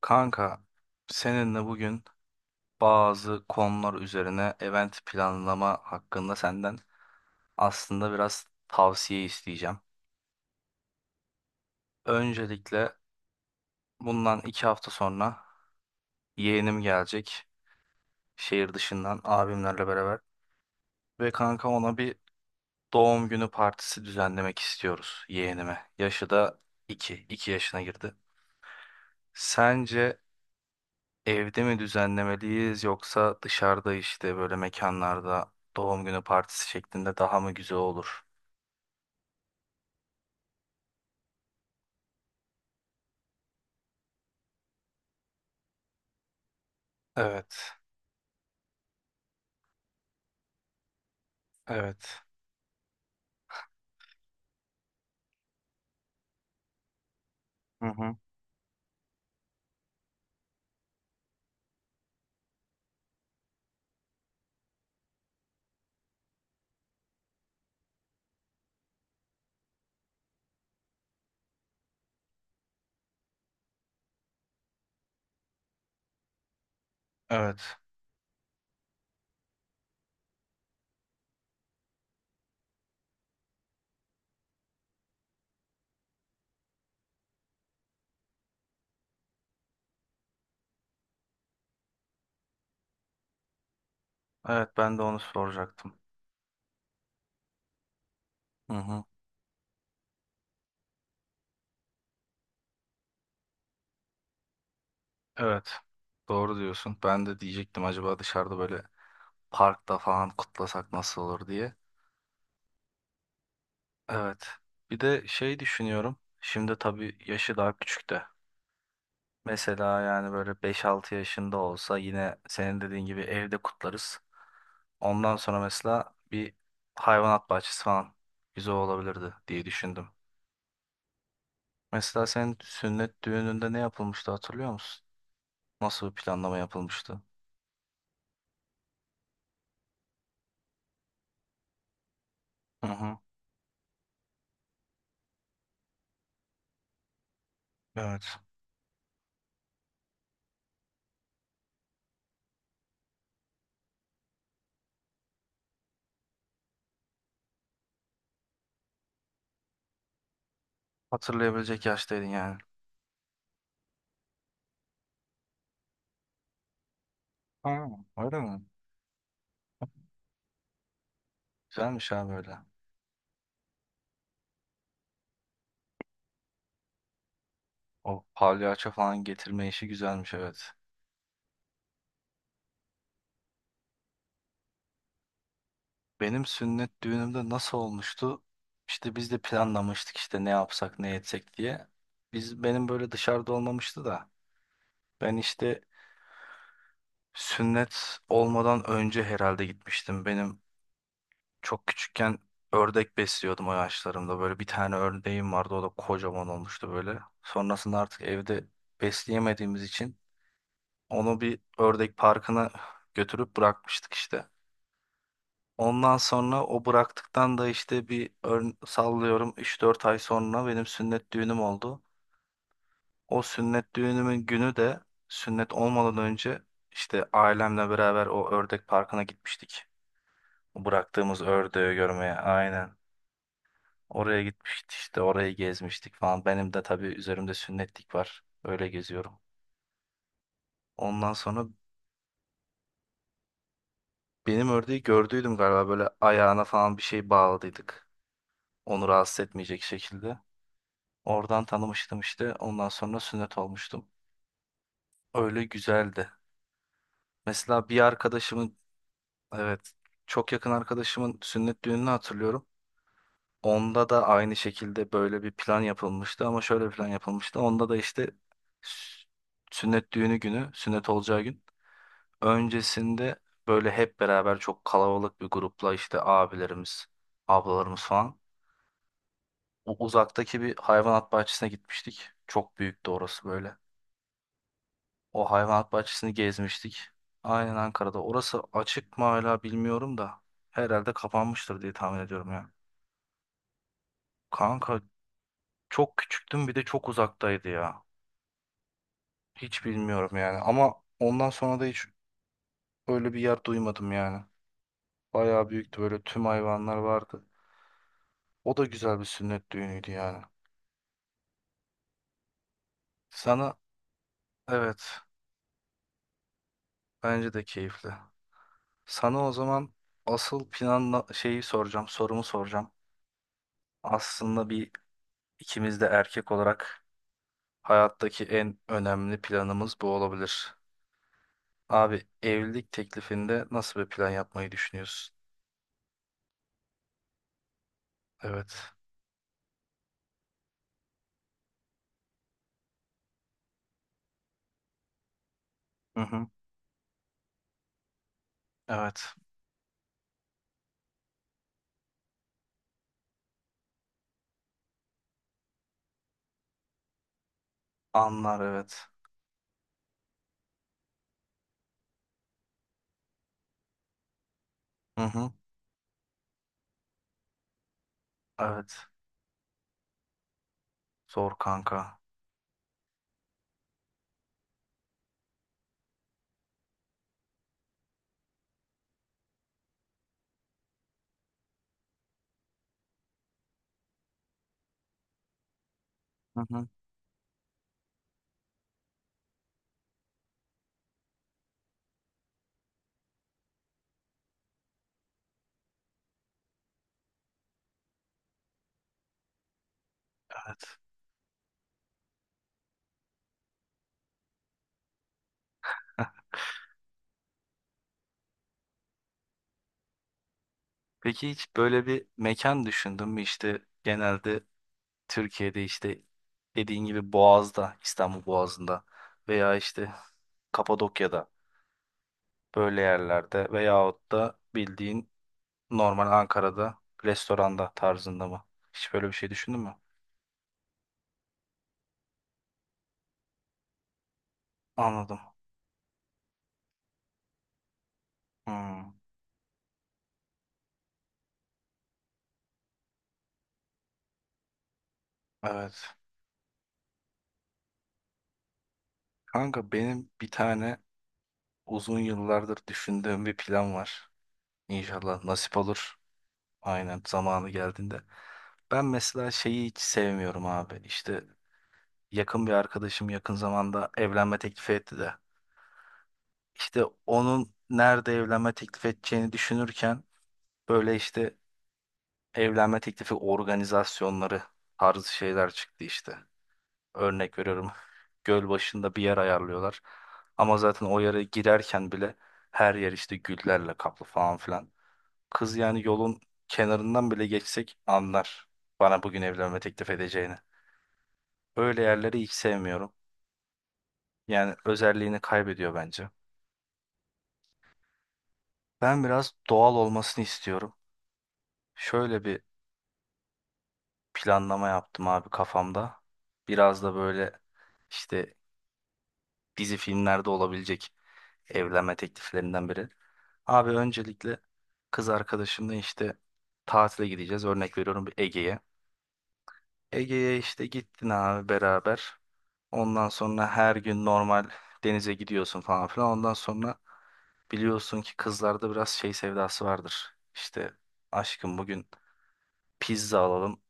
Kanka, seninle bugün bazı konular üzerine event planlama hakkında senden aslında biraz tavsiye isteyeceğim. Öncelikle bundan 2 hafta sonra yeğenim gelecek şehir dışından abimlerle beraber ve kanka ona bir doğum günü partisi düzenlemek istiyoruz yeğenime. Yaşı da iki yaşına girdi. Sence evde mi düzenlemeliyiz yoksa dışarıda işte böyle mekanlarda doğum günü partisi şeklinde daha mı güzel olur? Evet, evet. Hı hı. Evet. Evet, ben de onu soracaktım. Hı hı. Evet. Doğru diyorsun. Ben de diyecektim acaba dışarıda böyle parkta falan kutlasak nasıl olur diye. Evet. Bir de şey düşünüyorum. Şimdi tabii yaşı daha küçük de. Mesela yani böyle 5-6 yaşında olsa yine senin dediğin gibi evde kutlarız. Ondan sonra mesela bir hayvanat bahçesi falan güzel olabilirdi diye düşündüm. Mesela senin sünnet düğününde ne yapılmıştı hatırlıyor musun? Nasıl bir planlama yapılmıştı? Hı hı. Evet. Hatırlayabilecek yaştaydın yani. Ha, öyle mi? Güzelmiş abi öyle. O palyaço falan getirme işi güzelmiş, evet. Benim sünnet düğünümde nasıl olmuştu? İşte biz de planlamıştık işte ne yapsak ne etsek diye. Biz, benim böyle dışarıda olmamıştı da. Ben işte sünnet olmadan önce herhalde gitmiştim. Benim çok küçükken ördek besliyordum o yaşlarımda. Böyle bir tane ördeğim vardı, o da kocaman olmuştu böyle. Sonrasında artık evde besleyemediğimiz için onu bir ördek parkına götürüp bırakmıştık işte. Ondan sonra o bıraktıktan da işte bir sallıyorum 3-4 ay sonra benim sünnet düğünüm oldu. O sünnet düğünümün günü de sünnet olmadan önce işte ailemle beraber o ördek parkına gitmiştik. O bıraktığımız ördeği görmeye, aynen. Oraya gitmiştik işte, orayı gezmiştik falan. Benim de tabii üzerimde sünnetlik var. Öyle geziyorum. Ondan sonra benim ördeği gördüydüm galiba, böyle ayağına falan bir şey bağladıydık. Onu rahatsız etmeyecek şekilde. Oradan tanımıştım işte. Ondan sonra sünnet olmuştum. Öyle güzeldi. Mesela bir arkadaşımın, evet, çok yakın arkadaşımın sünnet düğününü hatırlıyorum. Onda da aynı şekilde böyle bir plan yapılmıştı ama şöyle bir plan yapılmıştı. Onda da işte s- sünnet düğünü günü, sünnet olacağı gün öncesinde böyle hep beraber çok kalabalık bir grupla işte abilerimiz, ablalarımız falan. Uzaktaki bir hayvanat bahçesine gitmiştik. Çok büyüktü orası böyle. O hayvanat bahçesini gezmiştik. Aynen, Ankara'da. Orası açık mı hala bilmiyorum da. Herhalde kapanmıştır diye tahmin ediyorum ya. Kanka çok küçüktüm, bir de çok uzaktaydı ya. Hiç bilmiyorum yani, ama ondan sonra da hiç öyle bir yer duymadım yani. Bayağı büyüktü böyle, tüm hayvanlar vardı. O da güzel bir sünnet düğünüydü yani. Sana, evet, bence de keyifli. Sana o zaman asıl planla şeyi soracağım, sorumu soracağım. Aslında bir ikimiz de erkek olarak hayattaki en önemli planımız bu olabilir. Abi evlilik teklifinde nasıl bir plan yapmayı düşünüyorsun? Evet. Hı hı. Evet. Anlar, evet. Hı hı. Evet. Zor, kanka. Hı hı. Evet. Peki hiç böyle bir mekan düşündün mü? İşte genelde Türkiye'de işte dediğin gibi Boğaz'da, İstanbul Boğazı'nda veya işte Kapadokya'da böyle yerlerde veyahut da bildiğin normal Ankara'da restoranda tarzında mı? Hiç böyle bir şey düşündün mü? Anladım. Hmm, evet. Kanka benim bir tane uzun yıllardır düşündüğüm bir plan var. İnşallah nasip olur. Aynen, zamanı geldiğinde. Ben mesela şeyi hiç sevmiyorum abi. İşte yakın bir arkadaşım yakın zamanda evlenme teklifi etti de. İşte onun nerede evlenme teklif edeceğini düşünürken böyle işte evlenme teklifi organizasyonları tarzı şeyler çıktı işte. Örnek veriyorum. Göl başında bir yer ayarlıyorlar. Ama zaten o yere girerken bile her yer işte güllerle kaplı falan filan. Kız yani yolun kenarından bile geçsek anlar bana bugün evlenme teklif edeceğini. Öyle yerleri hiç sevmiyorum. Yani özelliğini kaybediyor bence. Ben biraz doğal olmasını istiyorum. Şöyle bir planlama yaptım abi kafamda. Biraz da böyle işte dizi filmlerde olabilecek evlenme tekliflerinden biri. Abi öncelikle kız arkadaşımla işte tatile gideceğiz. Örnek veriyorum, bir Ege'ye. Ege'ye işte gittin abi beraber. Ondan sonra her gün normal denize gidiyorsun falan filan. Ondan sonra biliyorsun ki kızlarda biraz şey sevdası vardır. İşte aşkım bugün pizza alalım.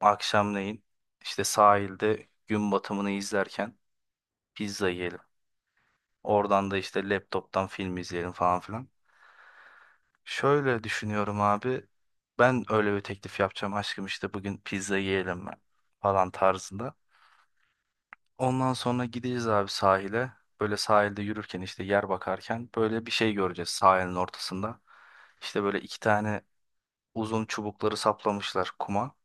Akşamleyin işte sahilde gün batımını izlerken pizza yiyelim. Oradan da işte laptoptan film izleyelim falan filan. Şöyle düşünüyorum abi. Ben öyle bir teklif yapacağım, aşkım işte bugün pizza yiyelim mi, falan tarzında. Ondan sonra gideceğiz abi sahile. Böyle sahilde yürürken işte yer bakarken böyle bir şey göreceğiz sahilin ortasında. İşte böyle iki tane uzun çubukları saplamışlar kuma.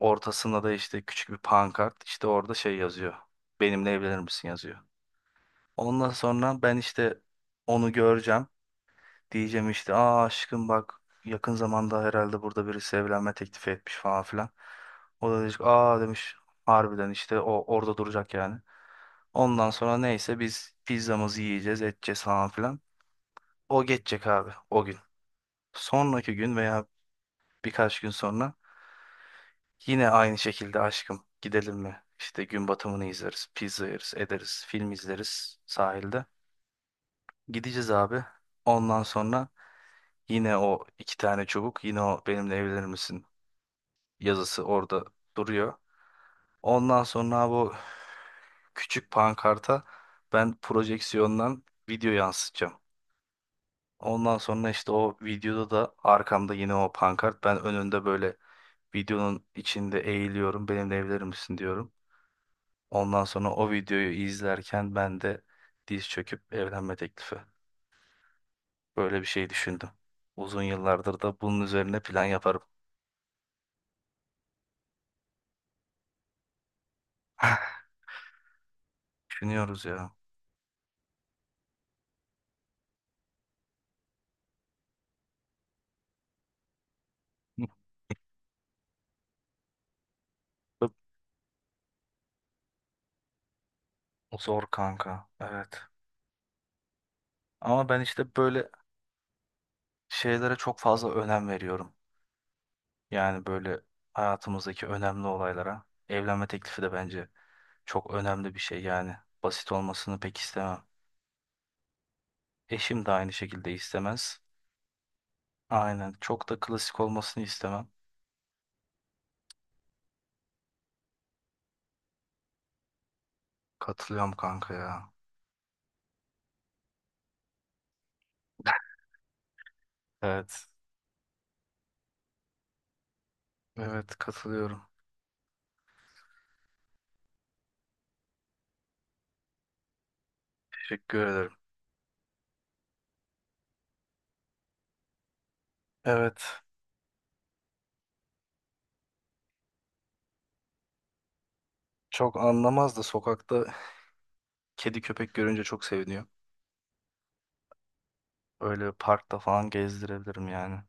Ortasında da işte küçük bir pankart. İşte orada şey yazıyor. Benimle evlenir misin yazıyor. Ondan sonra ben işte onu göreceğim. Diyeceğim işte, aa aşkım bak yakın zamanda herhalde burada birisi evlenme teklifi etmiş falan filan. O da diyecek, aa demiş harbiden işte, o orada duracak yani. Ondan sonra neyse biz pizzamızı yiyeceğiz, edeceğiz falan filan. O geçecek abi o gün. Sonraki gün veya birkaç gün sonra yine aynı şekilde aşkım gidelim mi? İşte gün batımını izleriz, pizza yeriz, ederiz, film izleriz sahilde. Gideceğiz abi. Ondan sonra yine o iki tane çubuk, yine o benimle evlenir misin yazısı orada duruyor. Ondan sonra bu küçük pankarta ben projeksiyondan video yansıtacağım. Ondan sonra işte o videoda da arkamda yine o pankart. Ben önünde böyle videonun içinde eğiliyorum. Benimle evlenir misin diyorum. Ondan sonra o videoyu izlerken ben de diz çöküp evlenme teklifi. Böyle bir şey düşündüm. Uzun yıllardır da bunun üzerine plan yaparım. Düşünüyoruz ya. Zor kanka. Evet. Ama ben işte böyle şeylere çok fazla önem veriyorum. Yani böyle hayatımızdaki önemli olaylara. Evlenme teklifi de bence çok önemli bir şey yani. Basit olmasını pek istemem. Eşim de aynı şekilde istemez. Aynen. Çok da klasik olmasını istemem. Katılıyorum kanka ya. Evet. Evet, katılıyorum. Teşekkür ederim. Evet. Çok anlamaz da sokakta kedi köpek görünce çok seviniyor. Öyle parkta falan gezdirebilirim yani.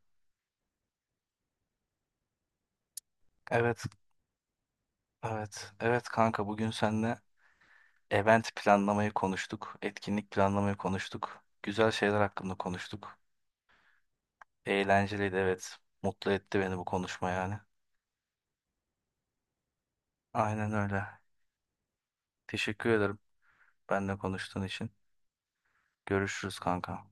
Evet, evet, evet kanka, bugün seninle event planlamayı konuştuk, etkinlik planlamayı konuştuk, güzel şeyler hakkında konuştuk. Eğlenceliydi, evet, mutlu etti beni bu konuşma yani. Aynen öyle. Teşekkür ederim benimle konuştuğun için. Görüşürüz kanka.